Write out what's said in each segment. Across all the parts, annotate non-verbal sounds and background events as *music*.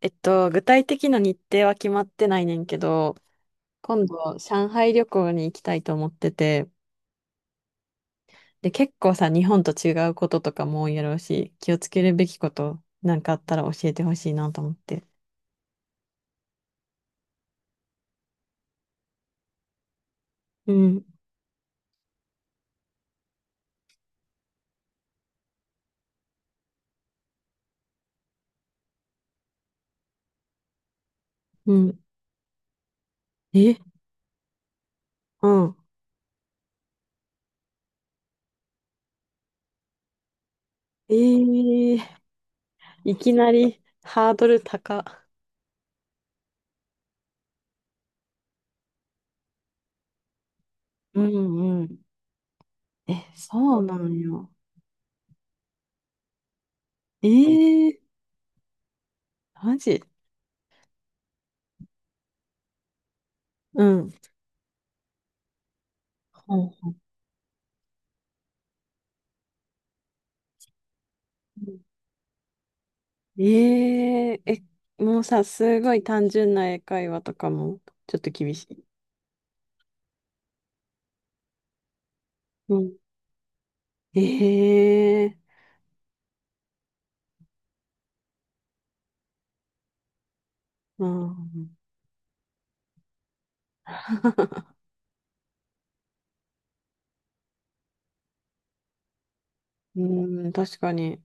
具体的な日程は決まってないねんけど、今度、上海旅行に行きたいと思ってて、で、結構さ、日本と違うこととかも多いやろうし、気をつけるべきことなんかあったら教えてほしいなと思って。うん、うん。え、うん。えー、いきなりハードル高。うんうん。え、そうなんよ。えー、マジ。うん。うん。えええ、もうさ、すごい単純な英会話とかも、ちょっと厳しい。うん。ええ。うん、うん、確かに。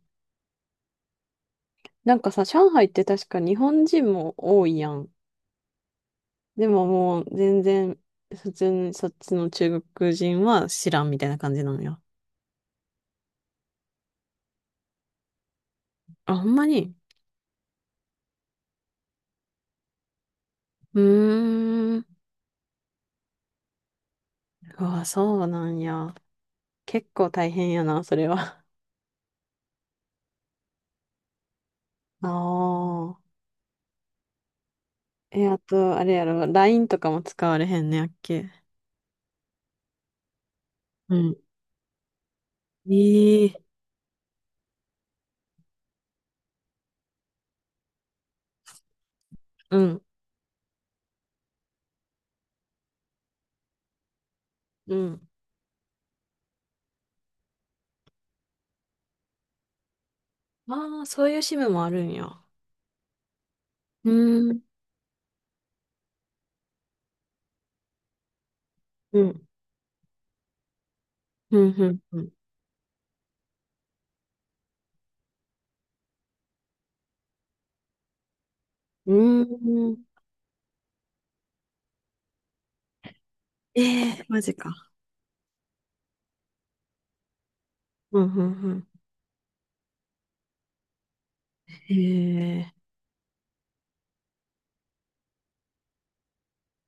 なんかさ、上海って確か日本人も多いやん。でももう全然、普通にそっちの中国人は知らんみたいな感じなのよ。あ、ほんまに。うーん。うわ、そうなんや。結構大変やな、それは。*laughs* ああ。え、あと、あれやろ、LINE とかも使われへんねやっけ。うん。ええ。うん、うん。ああ、そういう支部もあるんや。うーん、うん、うん、うん、うん。うーん。ええ、マジか。うん、うん、うん。ええ。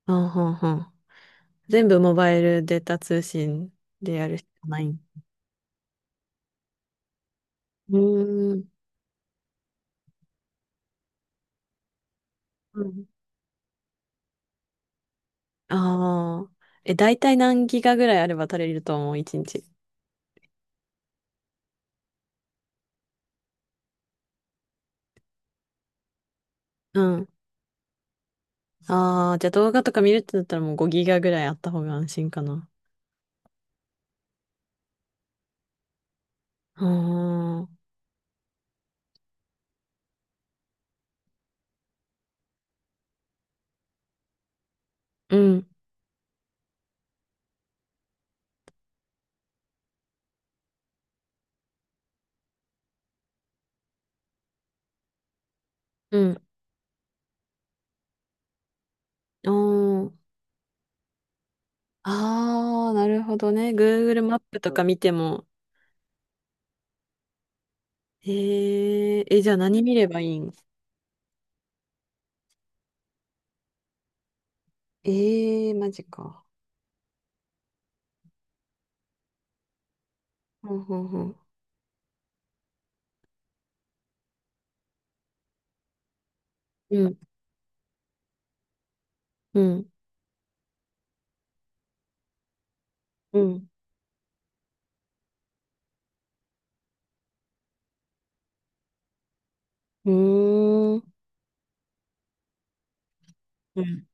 あんはんはん。全部モバイルデータ通信でやるしかないん。うーん、うん。ああ、え、大体何ギガぐらいあれば足りると思う、一日。うん。ああ、じゃあ動画とか見るってなったらもう5ギガぐらいあった方が安心かな。ああ、うん、うん。ああ、ああ、なるほどね。Google マップとか見ても。えー、え、じゃあ何見ればいいん。えー、マジか。ほんほんほん。うん、うん、うん。うーん、うん、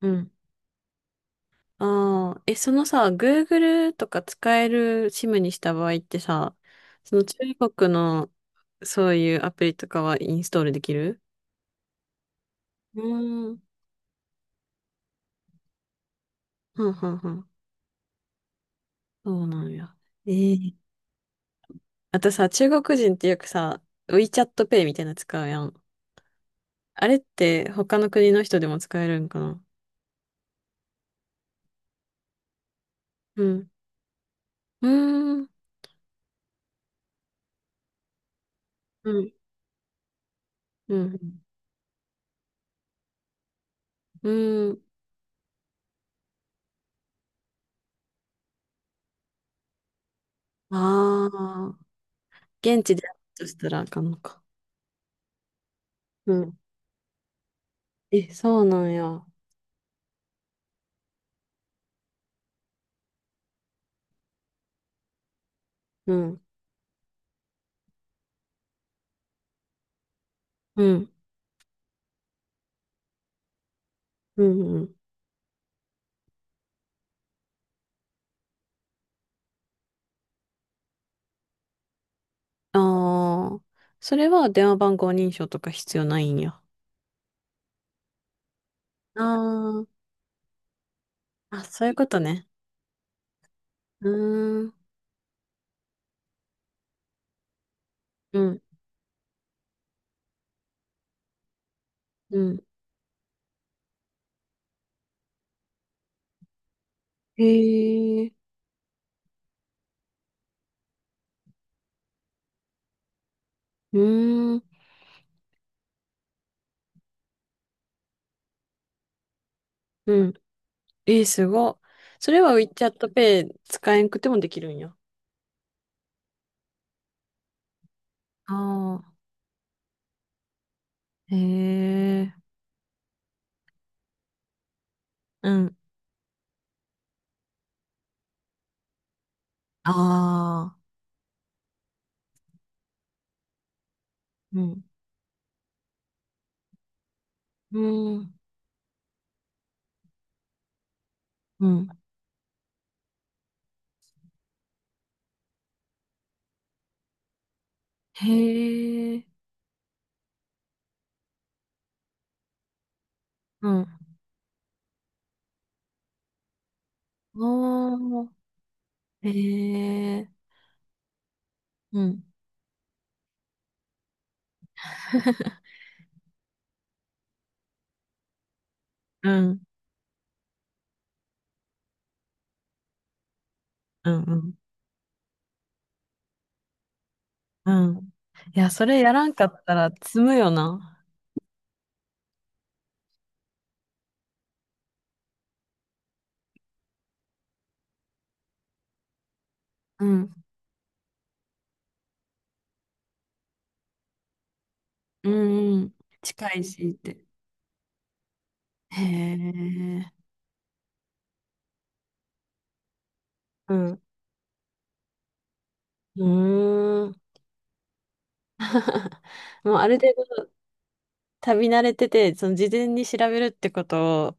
うん。ああ、え、そのさ、Google とか使える SIM にした場合ってさ、その中国のそういうアプリとかはインストールできる。うーん。はんはんはん。そうなんや。ええ。あとさ、中国人ってよくさ、WeChat Pay みたいなの使うやん。あれって他の国の人でも使えるんかな。うん。うーん。うん。うん。うん。ああー、現地でやるとしたらあかんのか。うん。え、そうなんや。うん。うん。うん。うん。ああ、それは電話番号認証とか必要ないんや。ああ、あ、そういうことね。うーん。うん。うん。へえ。うーん。うん。えー、すごっ。それは WeChat Pay 使えんくてもできるんや。ああ。へえ、うん。ああ、うん。うん。うん。へえ、うん。おー、へえ、うん。*laughs* うん。うん。うん。うん。いや、それやらんかったら積むよな。うん。うん。うん。近いしって。へえ、うん。うーん。*laughs* もうある程度旅慣れてて、その事前に調べるってことを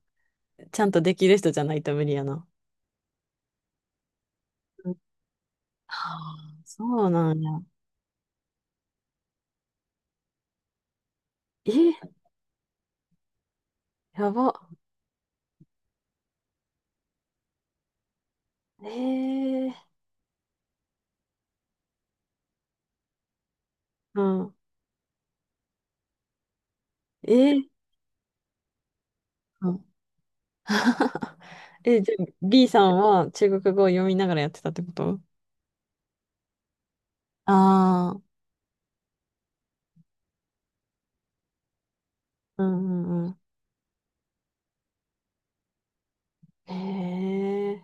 ちゃんとできる人じゃないと無理やな。はあ、そうなんや。え、やば。えー、うん。えー、うん。*laughs* え、じゃあ、B さんは中国語を読みながらやってたってこと。ああー、うんうんうん。へえ、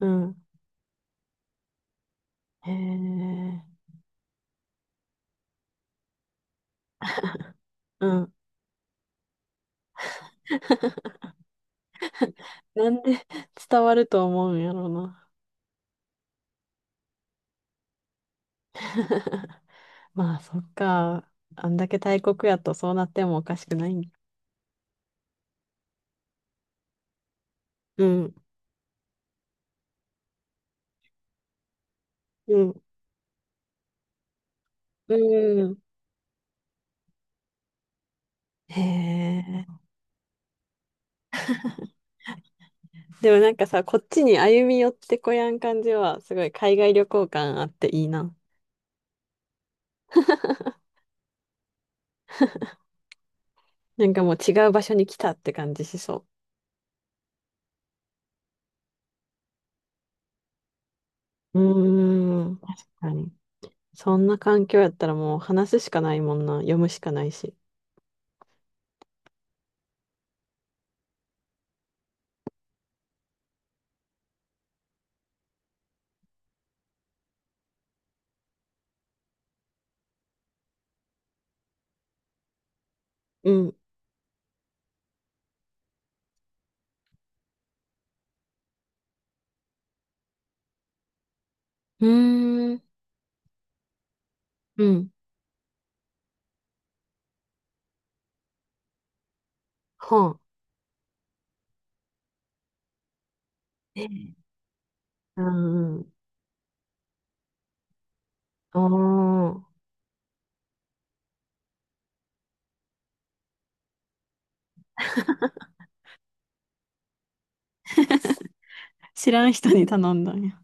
うん。へえ、うん。なんで *laughs* 伝わると思うんやろうな。*laughs* まあ、そっか。あんだけ大国やとそうなってもおかしくないん。うん、うん、うん。へえ。でもなんかさ、こっちに歩み寄ってこやん感じは、すごい海外旅行感あっていいな。なんかもう違う場所に来たって感じしそう。うーん。確かに。そんな環境やったらもう話すしかないもんな。読むしかないし。うん。うーん。うん。はあ。ええ。うんうん。ああ。知らん人に頼んだんや。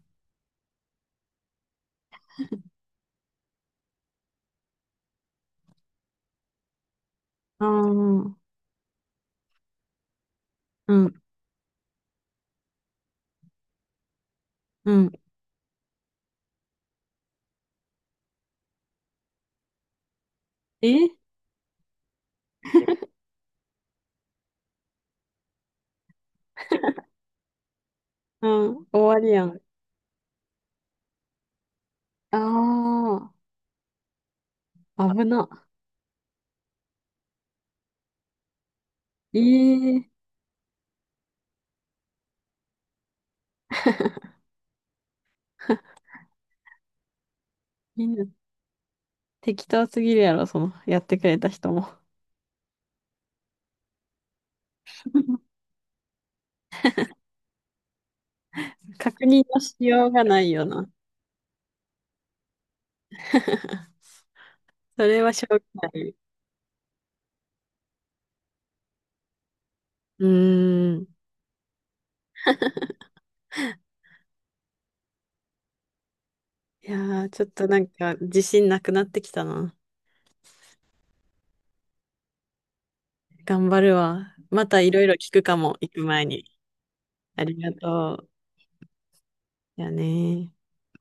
ああ、うん、うん。え。うん、終わりやん。ああ、危な。ええ *laughs* みんな適当すぎるやろ、その、やってくれた人も。*laughs* 確認のしようがないよな。*laughs* それはしょうがない。うーん。いやー、ちょっとなんか自信なくなってきたな。頑張るわ。またいろいろ聞くかも、行く前に。ありがとう。やねー。